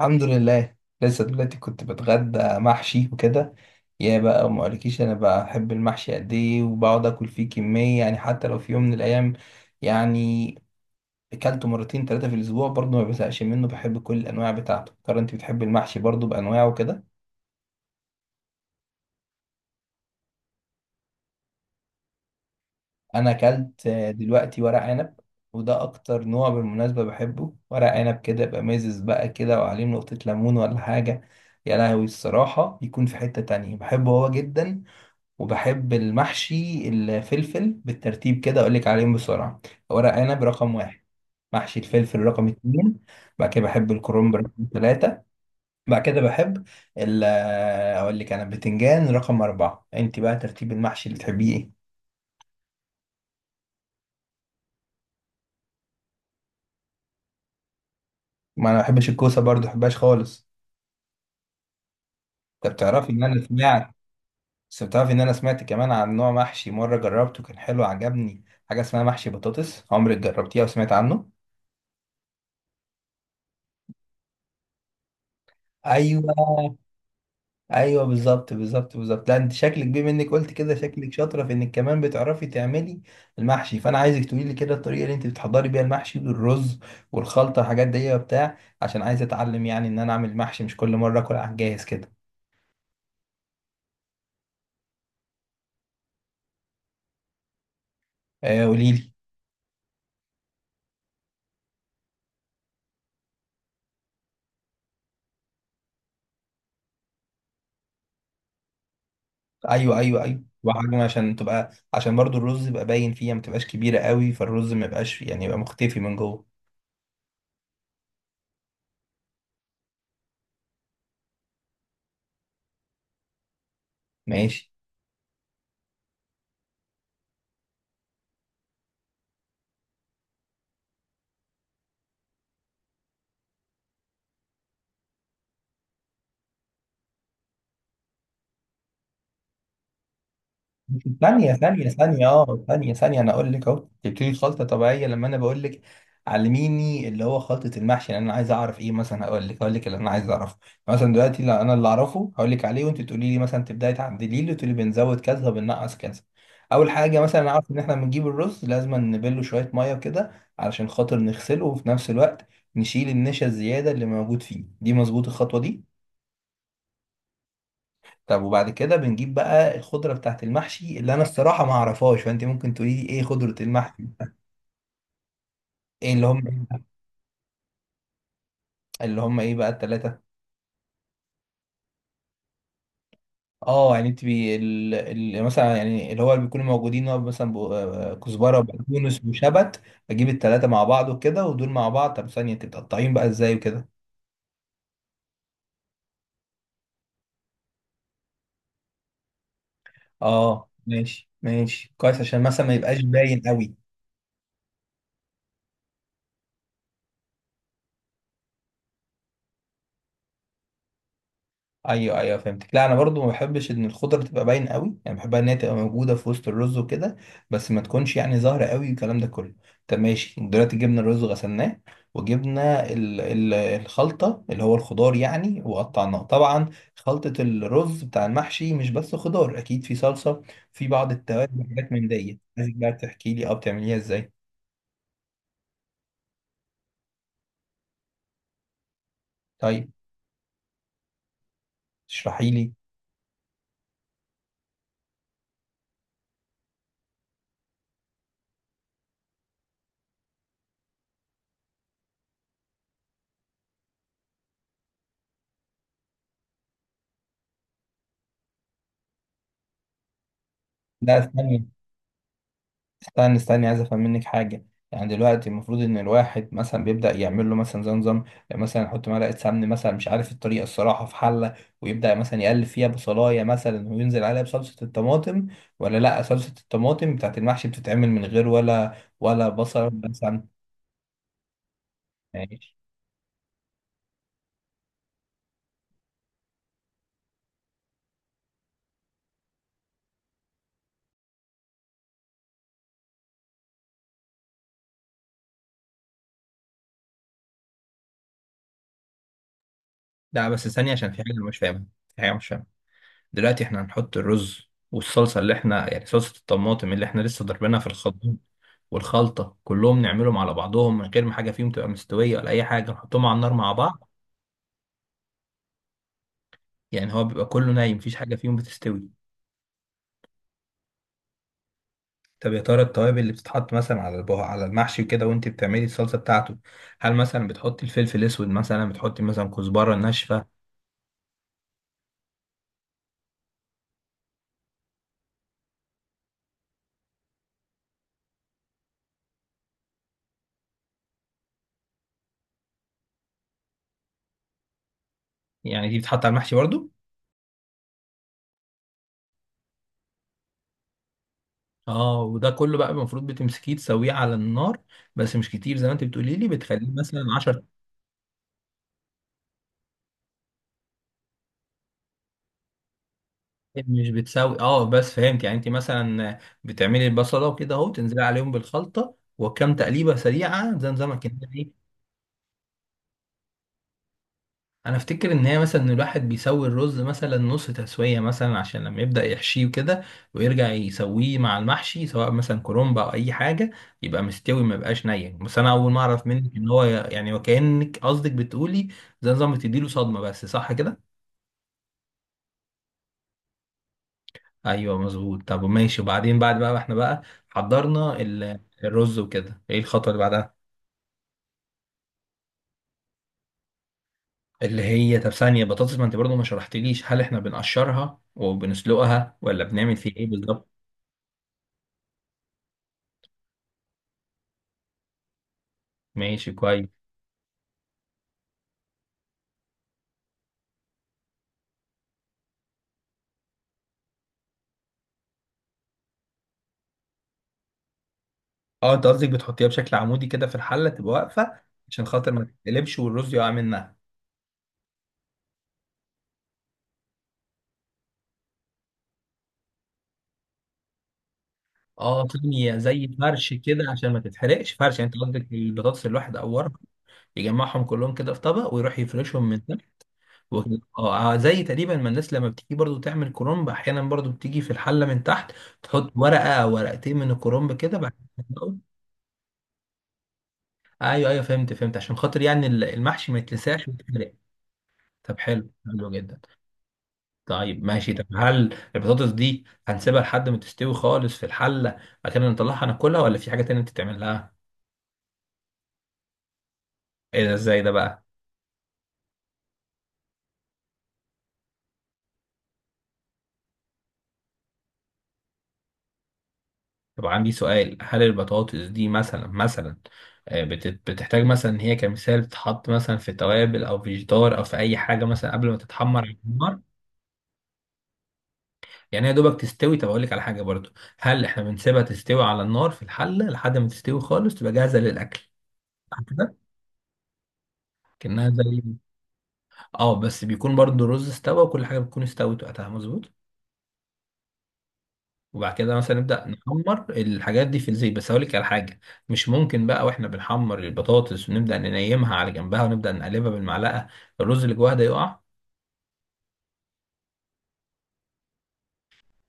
الحمد لله. لسه دلوقتي كنت بتغدى محشي وكده. يا بقى ما اقولكيش انا بحب المحشي قد ايه وبقعد اكل فيه كميه، يعني حتى لو في يوم من الايام يعني اكلته مرتين ثلاثه في الاسبوع برضه ما بزهقش منه، بحب كل الانواع بتاعته. ترى انت بتحبي المحشي برضه بانواعه كده؟ انا اكلت دلوقتي ورق عنب، وده اكتر نوع بالمناسبه بحبه، ورق عنب كده يبقى مزز بقى كده وعليه نقطه ليمون ولا حاجه، يا لهوي الصراحه. يكون في حته تانية بحبه هو جدا، وبحب المحشي الفلفل. بالترتيب كده اقول لك عليهم بسرعه: ورق عنب رقم واحد، محشي الفلفل رقم اتنين، بعد كده بحب الكرنب رقم ثلاثة، بعد كده بحب ال آه، اقول لك، انا البتنجان رقم أربعة. انت بقى ترتيب المحشي اللي بتحبيه ايه؟ ما انا ما بحبش الكوسة برضه، ما بحبهاش خالص. انت بتعرفي ان انا سمعت، بس بتعرفي ان انا سمعت كمان عن نوع محشي مرة جربته كان حلو عجبني، حاجة اسمها محشي بطاطس، عمرك جربتيها وسمعت عنه؟ ايوه ايوه، بالظبط بالظبط بالظبط. لا انت شكلك، بما انك قلت كده، شكلك شاطره في انك كمان بتعرفي تعملي المحشي، فانا عايزك تقولي لي كده الطريقه اللي انت بتحضري بيها المحشي والرز والخلطه والحاجات دي وبتاع، عشان عايز اتعلم يعني ان انا اعمل محشي، مش كل مره اكل على الجاهز كده. قولي لي. ايوه ايوه ايوه، وحجم عشان تبقى، عشان برضو الرز يبقى باين فيها، ما تبقاش كبيره قوي فالرز ما يبقاش يعني يبقى مختفي من جوه. ماشي. ثانية ثانية ثانية، اه ثانية ثانية، انا اقول لك. اهو تبتدي خلطة طبيعية لما انا بقول لك علميني اللي هو خلطة المحشي، لان انا عايز اعرف ايه مثلا. اقول لك اللي انا عايز اعرفه. مثلا دلوقتي لا، انا اللي اعرفه هقول لك عليه وانت تقولي لي مثلا، تبداي تعدلي لي وتقولي بنزود كذا وبننقص كذا. اول حاجة مثلا اعرف ان احنا بنجيب الرز، لازم نبله شوية مية كده علشان خاطر نغسله وفي نفس الوقت نشيل النشا الزيادة اللي موجود فيه دي. مظبوط الخطوة دي؟ طب وبعد كده بنجيب بقى الخضرة بتاعت المحشي، اللي أنا الصراحة ما أعرفهاش، فأنت ممكن تقولي لي إيه خضرة المحشي؟ إيه اللي هم؟ اللي هم إيه بقى التلاتة؟ آه يعني أنت مثلا يعني اللي هو اللي بيكونوا موجودين هو مثلا ب... آه، كزبرة وبقدونس وشبت. بجيب التلاتة مع بعض وكده ودول مع بعض. طب ثانية، أنت بتقطعين بقى إزاي وكده؟ آه ماشي ماشي، كويس، عشان مثلا ما يبقاش باين قوي. ايوه ايوه فهمتك، لا انا برضو ما بحبش ان الخضره تبقى باين قوي، يعني بحبها ان هي تبقى موجوده في وسط الرز وكده، بس ما تكونش يعني ظاهره قوي، الكلام ده كله. طب ماشي، دلوقتي جبنا الرز غسلناه، وجبنا ال الخلطه اللي هو الخضار يعني، وقطعناه طبعا. خلطه الرز بتاع المحشي مش بس خضار، اكيد في صلصه، في بعض التوابل وحاجات من دي، عايزك بقى تحكي لي اه بتعمليها ازاي. طيب اشرحي لي. لا استني استنى استنى، عايز افهم منك حاجه. يعني دلوقتي المفروض ان الواحد مثلا بيبدا يعمل له مثلا زي نظام، يعني مثلا يحط معلقه سمن مثلا، مش عارف الطريقه الصراحه، في حله، ويبدا مثلا يقلب فيها بصلايه مثلا وينزل عليها بصلصه الطماطم، ولا لا، صلصه الطماطم بتاعت المحشي بتتعمل من غير ولا بصل ولا سمن؟ ماشي. لا بس ثانيه، عشان في حاجه أنا مش فاهمها، في حاجه مش فاهمها. دلوقتي احنا هنحط الرز والصلصة اللي احنا، يعني صلصة الطماطم اللي احنا لسه ضاربينها في الخلاط، والخلطة، كلهم نعملهم على بعضهم من غير ما حاجة فيهم تبقى مستوية ولا أي حاجة، نحطهم على النار مع بعض؟ يعني هو بيبقى كله نايم، مفيش حاجة فيهم بتستوي؟ طب يا ترى التوابل اللي بتتحط مثلا على على المحشي وكده، وانت بتعملي الصلصة بتاعته، هل مثلا بتحطي الفلفل الأسود، مثلا بتحطي مثلا كزبرة ناشفة؟ يعني دي بتتحط على المحشي برضو؟ اه. وده كله بقى المفروض بتمسكيه تسويه على النار، بس مش كتير زي ما انت بتقولي لي، بتخليه مثلا 10؟ مش بتساوي، اه بس فهمت. يعني انت مثلا بتعملي البصله وكده، اهو تنزلي عليهم بالخلطه وكم تقليبه سريعه زي نظامك انت، ايه؟ انا افتكر ان هي مثلا، إن الواحد بيسوي الرز مثلا نص تسويه مثلا، عشان لما يبدا يحشيه كده ويرجع يسويه مع المحشي سواء مثلا كرنب او اي حاجه يبقى مستوي، ما يبقاش ني. بس انا اول ما اعرف منك ان هو يعني، وكانك قصدك بتقولي زي نظام بتديله صدمه بس، صح كده؟ ايوه مظبوط. طب ماشي. وبعدين بعد بقى ما احنا بقى حضرنا الرز وكده، ايه الخطوه اللي بعدها؟ اللي هي، طب ثانيه، بطاطس ما انت برضو ما شرحتليش هل احنا بنقشرها وبنسلقها ولا بنعمل فيه ايه بالظبط؟ ماشي كويس. اه انت قصدك بتحطيها بشكل عمودي كده في الحله تبقى واقفه، عشان خاطر ما تتقلبش والرز يقع منها. اه ثانيه، زي فرش كده عشان ما تتحرقش؟ فرش يعني انت قصدك البطاطس الواحد او ورق، يجمعهم كلهم كده في طبق ويروح يفرشهم من زي تقريبا ما الناس لما بتيجي برضو تعمل كرنب، احيانا برضو بتيجي في الحله من تحت تحط ورقه أو ورقتين من الكرنب كده بعد كده ايوه ايوه فهمت فهمت، عشان خاطر يعني المحشي ما يتلسعش ويتحرق. طب حلو حلو جدا. طيب ماشي، طب هل البطاطس دي هنسيبها لحد ما تستوي خالص في الحله، بعد كده نطلعها ناكلها ولا في حاجه تانية بتتعمل لها؟ ايه ده، ازاي ده بقى؟ طب عندي سؤال، هل البطاطس دي مثلا مثلا، بتحتاج مثلا ان هي كمثال تتحط مثلا في توابل او في جدار او في اي حاجه مثلا قبل ما تتحمر على النار؟ يعني هي دوبك تستوي. طب اقول لك على حاجه برضو، هل احنا بنسيبها تستوي على النار في الحله لحد ما تستوي خالص تبقى جاهزه للاكل؟ صح كده. كانها زي. اه بس بيكون برضو الرز استوى وكل حاجه بتكون استوت وقتها، مظبوط. وبعد كده مثلا نبدأ نحمر الحاجات دي في الزيت. بس هقول لك على حاجة، مش ممكن بقى واحنا بنحمر البطاطس ونبدأ ننيمها على جنبها ونبدأ نقلبها بالمعلقة، الرز اللي جواها ده يقع؟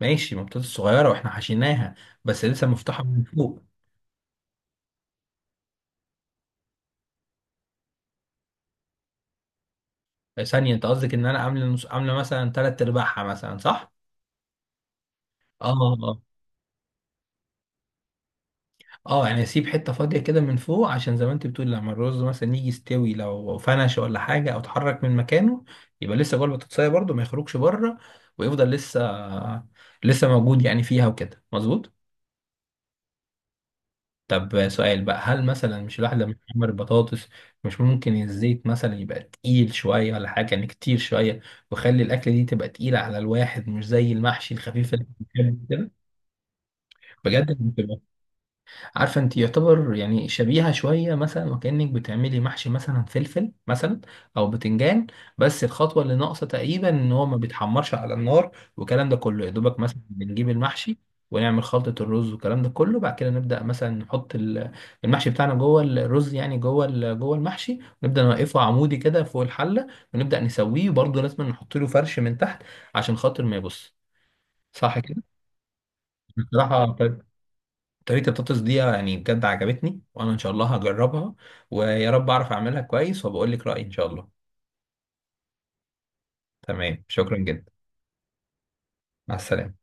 ماشي، ما البطاطس صغيرة واحنا حشيناها، بس لسه مفتوحة من فوق. ثانية، انت قصدك ان انا عامل نص، عاملة مثلا تلات ارباعها مثلا، صح؟ اه. آه. اه يعني اسيب حته فاضيه كده من فوق، عشان زي ما انت بتقول لما الرز مثلا يجي يستوي، لو فنش ولا حاجه او اتحرك من مكانه يبقى لسه جوه البطاطسايه برده، ما يخرجش بره ويفضل لسه موجود يعني فيها وكده، مظبوط. طب سؤال بقى، هل مثلا مش الواحد لما يحمر البطاطس، مش ممكن الزيت مثلا يبقى تقيل شويه ولا حاجه، يعني كتير شويه، ويخلي الاكله دي تبقى تقيله على الواحد، مش زي المحشي الخفيف اللي بنحبه كده؟ بجد؟ عارفة انت، يعتبر يعني شبيهة شوية، مثلا وكأنك بتعملي محشي مثلا فلفل مثلا او بتنجان، بس الخطوة اللي ناقصة تقريبا ان هو ما بيتحمرش على النار والكلام ده كله. يا دوبك مثلا بنجيب المحشي ونعمل خلطة الرز والكلام ده كله، بعد كده نبدأ مثلا نحط المحشي بتاعنا جوه الرز، يعني جوه جوه المحشي، ونبدأ نوقفه عمودي كده فوق الحلة ونبدأ نسويه، وبرضه لازم نحط له فرش من تحت عشان خاطر ما يبص، صح كده؟ بصراحة طريقة البطاطس دي يعني بجد عجبتني، وانا ان شاء الله هجربها ويا رب اعرف اعملها كويس، وبقول لك رأيي ان شاء الله. تمام، شكرا جدا. مع السلامة.